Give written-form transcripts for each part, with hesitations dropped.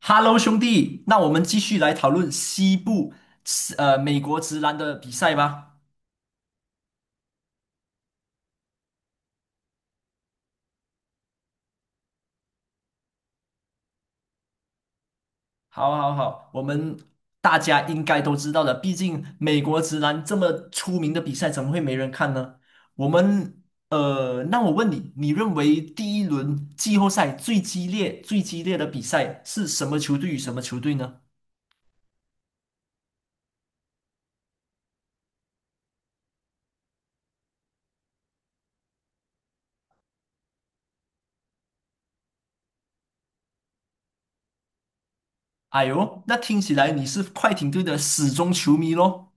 Hello，兄弟，那我们继续来讨论西部，美国直男的比赛吧。好，好，好，我们大家应该都知道的，毕竟美国直男这么出名的比赛，怎么会没人看呢？我们，那我问你，你认为第一轮季后赛最激烈的比赛是什么球队与什么球队呢？哎呦，那听起来你是快艇队的死忠球迷喽。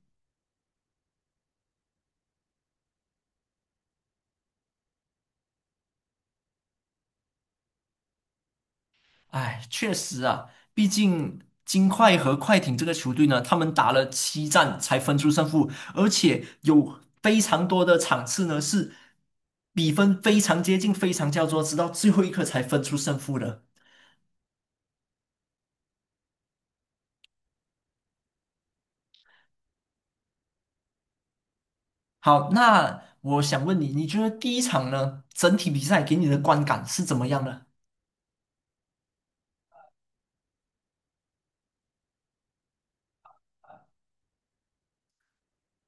哎，确实啊，毕竟金块和快艇这个球队呢，他们打了7战才分出胜负，而且有非常多的场次呢是比分非常接近、非常焦灼，直到最后一刻才分出胜负的。好，那我想问你，你觉得第一场呢，整体比赛给你的观感是怎么样的？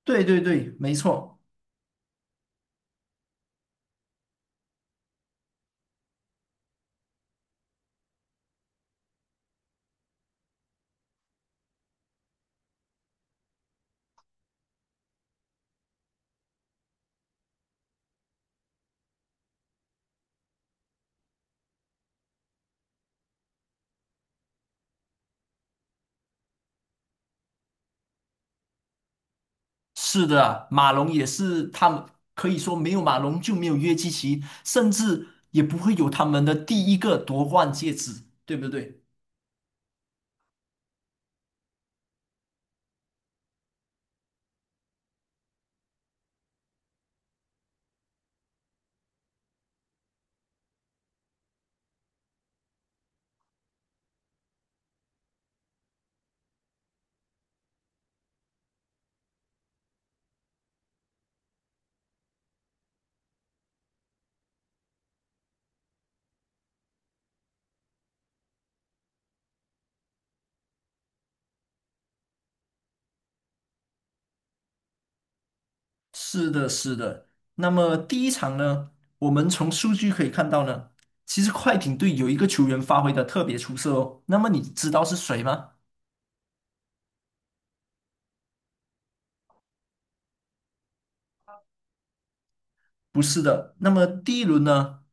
对对对，没错。是的，马龙也是他们可以说没有马龙就没有约基奇，甚至也不会有他们的第一个夺冠戒指，对不对？是的，是的。那么第一场呢，我们从数据可以看到呢，其实快艇队有一个球员发挥的特别出色哦。那么你知道是谁吗？不是的。那么第一轮呢，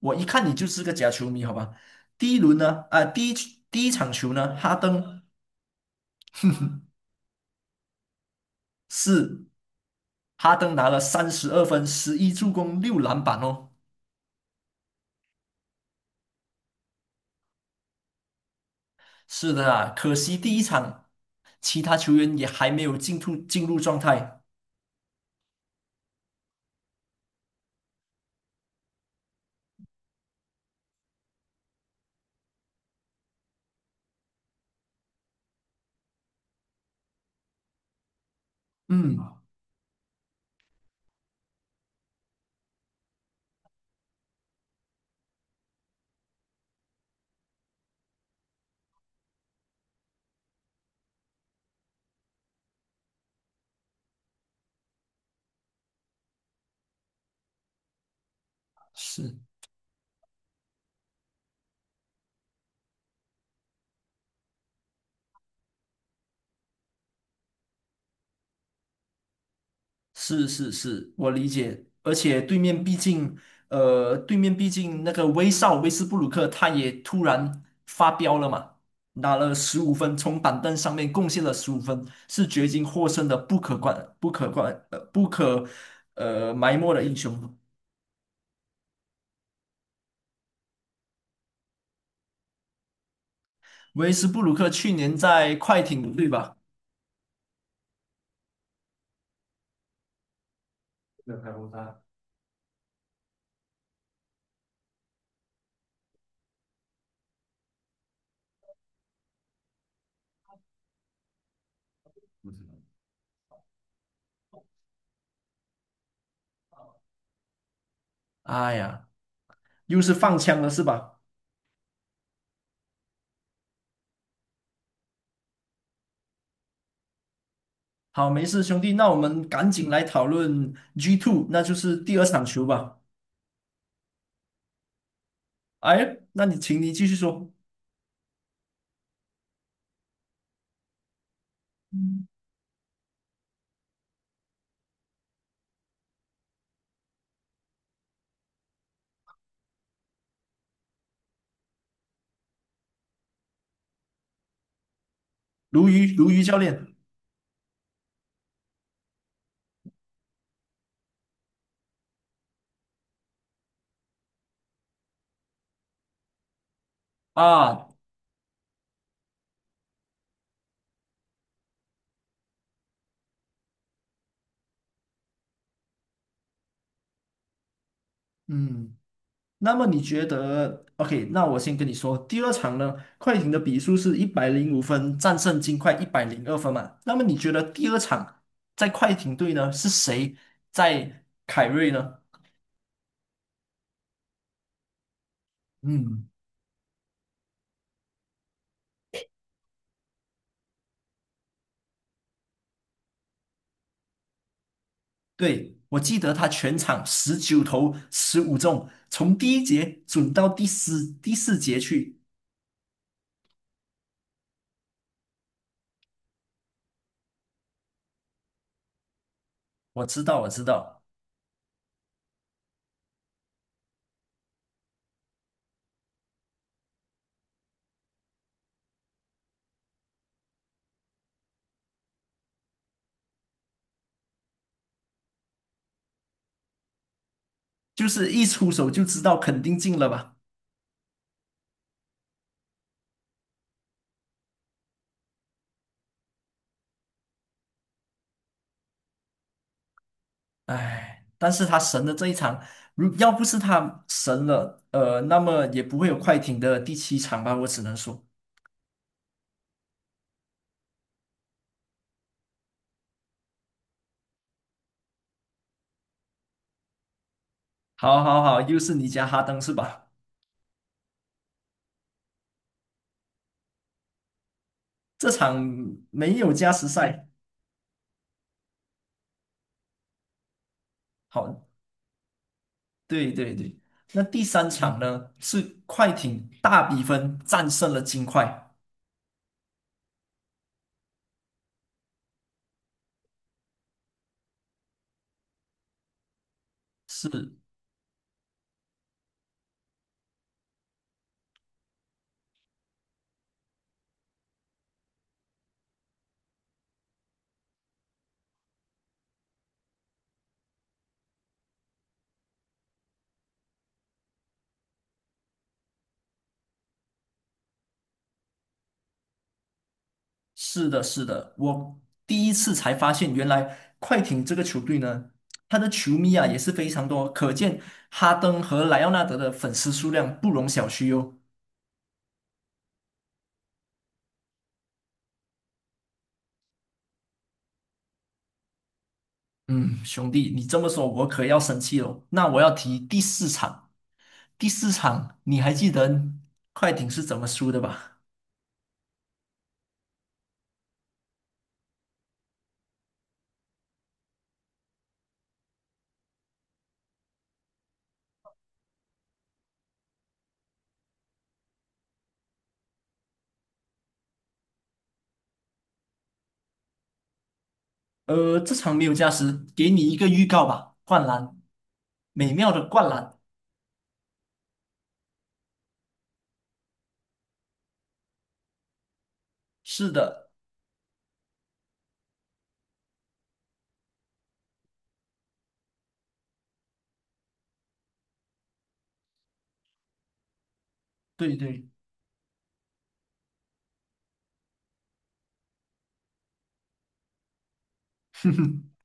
我一看你就是个假球迷，好吧？第一轮呢，第一场球呢，是哈登拿了32分、11助攻、6篮板哦。是的啊，可惜第一场其他球员也还没有进入状态。嗯，啊是是是是，我理解。而且对面毕竟，呃，对面毕竟那个威少威斯布鲁克他也突然发飙了嘛，拿了十五分，从板凳上面贡献了十五分，是掘金获胜的不可观、不可观、呃、不可呃埋没的英雄。维斯布鲁克去年在快艇，对吧？开哎呀，又是放枪了是吧？好，没事，兄弟，那我们赶紧来讨论 G2,那就是第二场球吧。哎，那你请你继续说，鲈鱼，鲈鱼教练啊，嗯，那么你觉得？OK,那我先跟你说，第二场呢，快艇的比数是105分，战胜金块102分嘛。那么你觉得第二场在快艇队呢，是谁在凯瑞呢？嗯。对，我记得他全场19投15中，从第一节准到第四节去。我知道，我知道，就是一出手就知道肯定进了吧？唉，但是他神的这一场，如要不是他神了，那么也不会有快艇的第七场吧？我只能说，好，好，好，又是你家哈登是吧？这场没有加时赛，好，对对对。那第三场呢，是快艇大比分战胜了金块。是是的，是的，我第一次才发现，原来快艇这个球队呢，他的球迷啊也是非常多，可见哈登和莱昂纳德的粉丝数量不容小觑哦。嗯，兄弟，你这么说，我可要生气了。那我要提第四场，第四场你还记得快艇是怎么输的吧？这场没有加时，给你一个预告吧，灌篮，美妙的灌篮。是的，对对。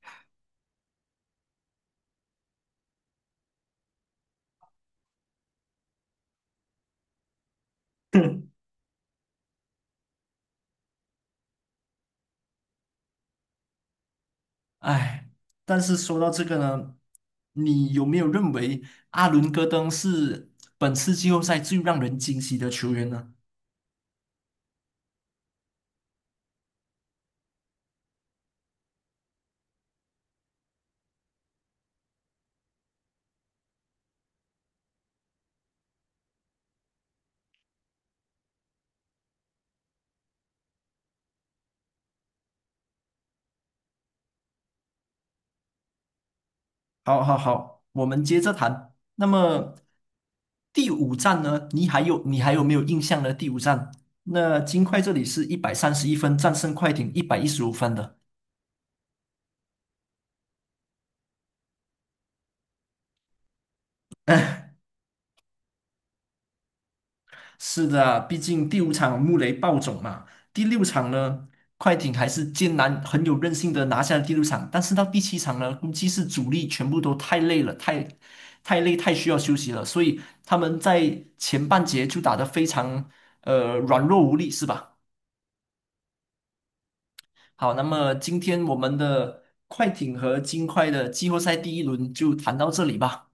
哎，但是说到这个呢，你有没有认为阿伦戈登是本次季后赛最让人惊喜的球员呢？好，好，好，我们接着谈。那么第五站呢？你还有没有印象呢？第五站，那金块这里是131分战胜快艇115分的。是的啊，毕竟第五场穆雷爆种嘛，第六场呢，快艇还是艰难很有韧性的拿下了第六场，但是到第七场呢，估计是主力全部都太累了，太累，太需要休息了，所以他们在前半节就打得非常软弱无力，是吧？好，那么今天我们的快艇和金块的季后赛第一轮就谈到这里吧。